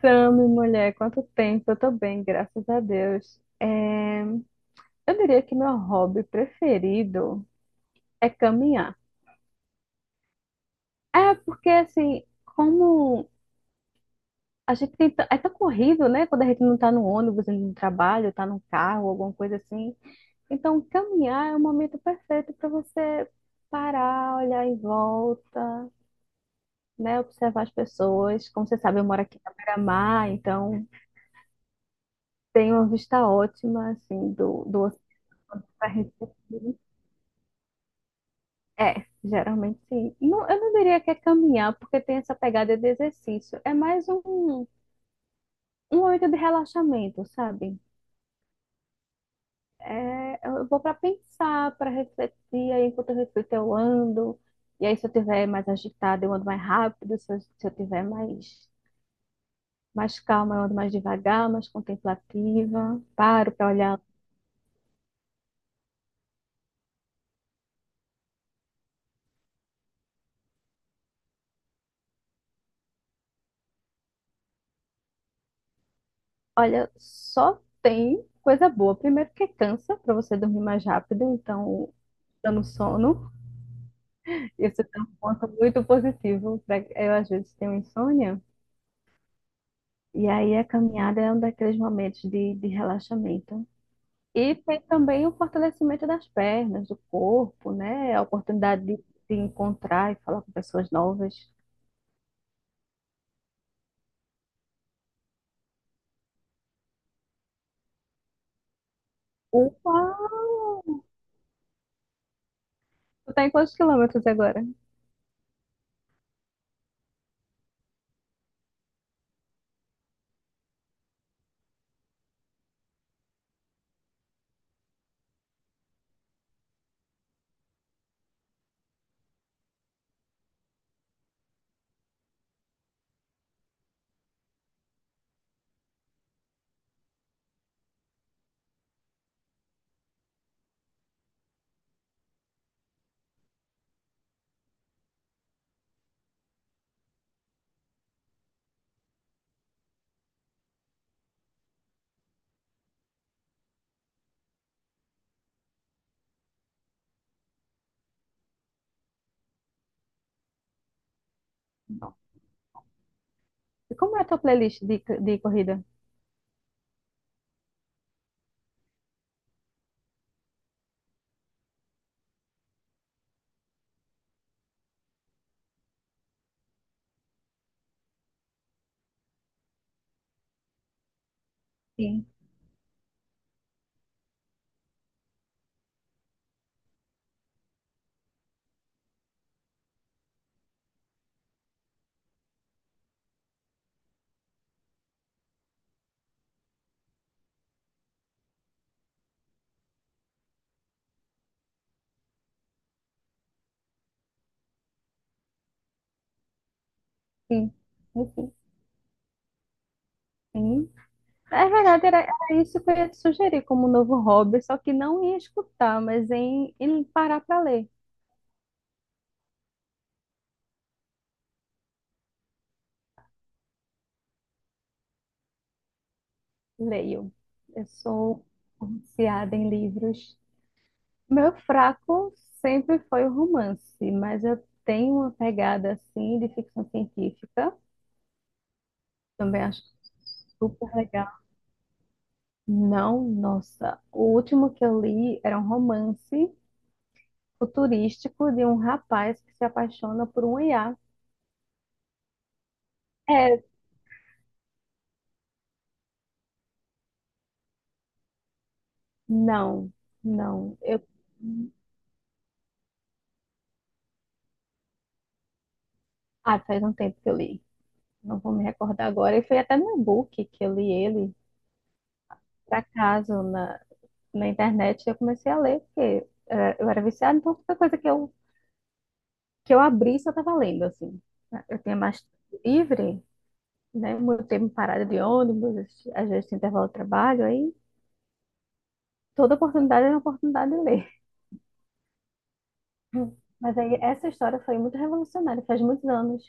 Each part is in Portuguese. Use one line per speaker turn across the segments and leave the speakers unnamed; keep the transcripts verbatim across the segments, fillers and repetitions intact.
Tamo, mulher, quanto tempo? Eu tô bem, graças a Deus. É, Eu diria que meu hobby preferido é caminhar. É, porque assim, como a gente tem... t- é tão corrido, né? Quando a gente não tá no ônibus, indo no trabalho, tá no carro, alguma coisa assim. Então, caminhar é o momento perfeito para você parar, olhar em volta, né? Observar as pessoas. Como você sabe, eu moro aqui na beira-mar, então tem uma vista ótima, assim, do, do oceano pra gente. É, geralmente sim. Não, eu não diria que é caminhar, porque tem essa pegada de exercício. É mais um, um momento de relaxamento, sabe? É, eu vou para pensar, para refletir, aí enquanto eu reflito eu ando, e aí se eu tiver mais agitada eu ando mais rápido, se eu, se eu tiver mais, mais calma eu ando mais devagar, mais contemplativa, paro para olhar. Olha, só tem coisa boa. Primeiro que cansa, para você dormir mais rápido, então dando sono. Isso é um ponto muito positivo. pra- Eu, às vezes, tenho insônia, e aí a caminhada é um daqueles momentos de, de relaxamento. E tem também o fortalecimento das pernas, do corpo, né? A oportunidade de se encontrar e falar com pessoas novas. Uau! Tu tá em quantos quilômetros agora? Não. E como é a tua playlist de, de corrida? Sim, sim, sim, sim. É verdade, era, era isso que eu ia te sugerir como novo hobby, só que não em escutar, mas em, em parar para ler. Leio. Eu sou viciada em livros. Meu fraco sempre foi o romance, mas eu tenho uma pegada assim de ficção científica. Também acho super legal. Não, nossa. O último que eu li era um romance futurístico de um rapaz que se apaixona por um I A. É, não, não. Eu, ah, faz um tempo que eu li. Não vou me recordar agora. E foi até no book que eu li ele, por acaso, na internet, eu comecei a ler, porque eh, eu era viciada, então qualquer coisa que eu, que eu abrisse, eu estava lendo, assim. Eu tinha mais tempo livre, né? Meu tempo parado de ônibus, às vezes tinha intervalo de trabalho, aí toda oportunidade era uma oportunidade de ler. Mas aí essa história foi muito revolucionária, faz muitos anos.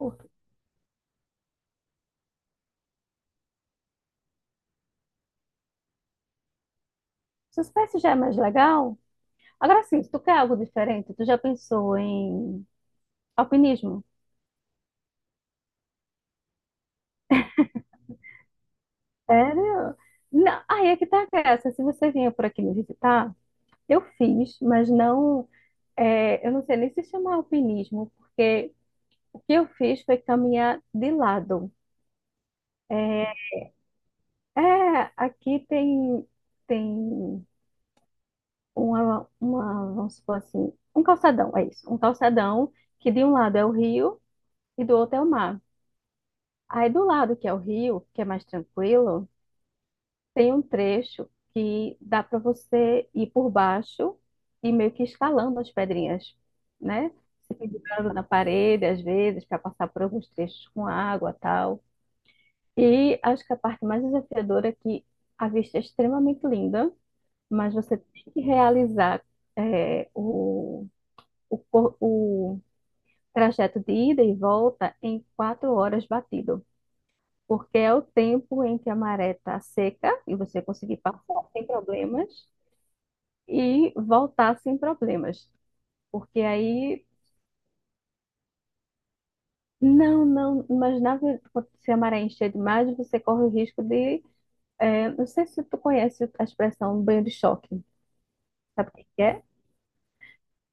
O suspense já é mais legal. Agora sim, se tu quer algo diferente, tu já pensou em alpinismo? Sério? Não, aí é que tá essa. Se você vinha por aqui me visitar, eu fiz, mas não, é, eu não sei nem se chama alpinismo, porque o que eu fiz foi caminhar de lado. É, é, aqui tem tem uma, uma, vamos supor assim, um calçadão, é isso, um calçadão que de um lado é o rio e do outro é o mar. Aí do lado que é o rio, que é mais tranquilo, tem um trecho que dá para você ir por baixo e meio que escalando as pedrinhas, né? Se pendurando na parede, às vezes, para passar por alguns trechos com água tal. E acho que a parte mais desafiadora é que a vista é extremamente linda, mas você tem que realizar é, o, o, cor- o trajeto de ida e volta em quatro horas batido. Porque é o tempo em que a maré está seca e você conseguir passar sem problemas, e voltar sem problemas. Porque aí, não, não, mas na, ve- quando se a maré encher demais, você corre o risco de. É, não sei se tu conhece a expressão banho de choque. Sabe o que que é?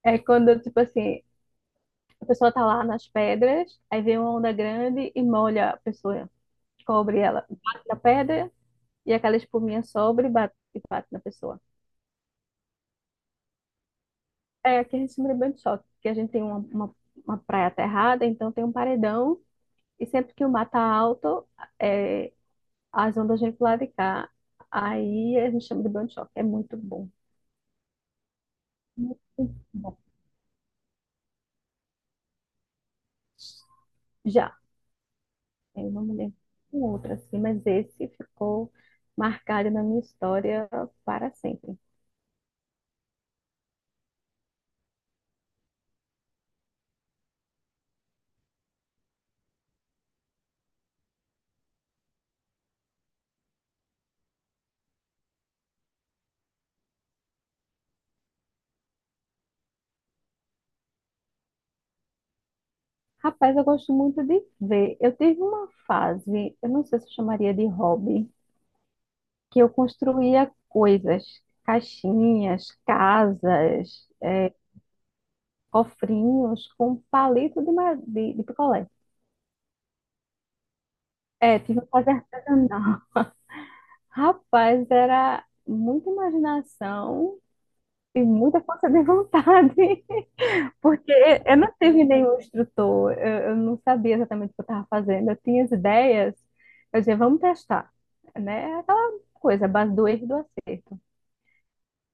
É quando, tipo assim, a pessoa tá lá nas pedras, aí vem uma onda grande e molha a pessoa, cobre ela, bate na pedra e aquela espuminha sobre e bate, e bate na pessoa. É, aqui a gente chama de banho de choque, porque a gente tem uma, uma, uma praia aterrada, então tem um paredão. E sempre que o mar tá alto, é, as ondas vêm pro lado de cá. Aí a gente chama de banho de choque. É muito bom. Muito bom. Já, eu não me lembro de outro assim, mas esse ficou marcado na minha história para sempre. Rapaz, eu gosto muito de ver. Eu tive uma fase, eu não sei se eu chamaria de hobby, que eu construía coisas, caixinhas, casas, eh, cofrinhos com palito de, ma- de, de picolé. É, tive que fazer artesanal. Rapaz, era muita imaginação e muita força de vontade, porque eu não tive nenhum instrutor, eu, eu não sabia exatamente o que eu estava fazendo, eu tinha as ideias, eu dizia, vamos testar, né? Aquela coisa, a base do erro e do acerto.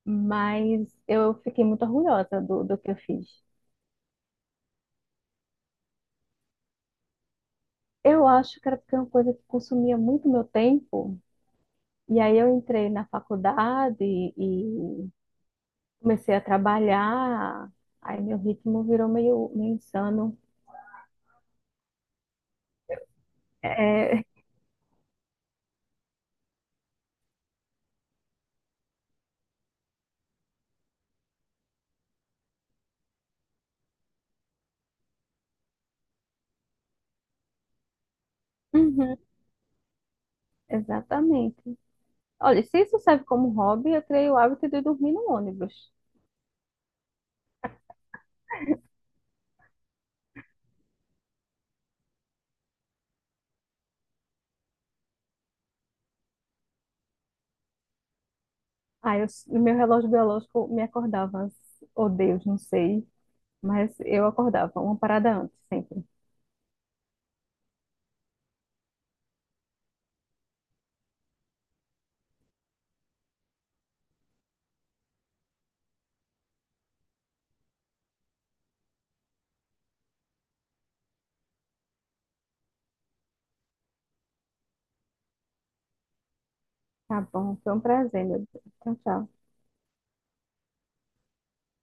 Mas eu fiquei muito orgulhosa do, do que eu fiz. Eu acho que era porque é uma coisa que consumia muito meu tempo, e aí eu entrei na faculdade e comecei a trabalhar, aí meu ritmo virou meio, meio insano. É, uhum, exatamente. Olha, se isso serve como hobby, eu criei o hábito de dormir no ônibus. Aí eu, meu relógio biológico me acordava, às- oh Deus, não sei, mas eu acordava uma parada antes sempre. Tá bom, foi um prazer, meu Deus. Tchau, tchau.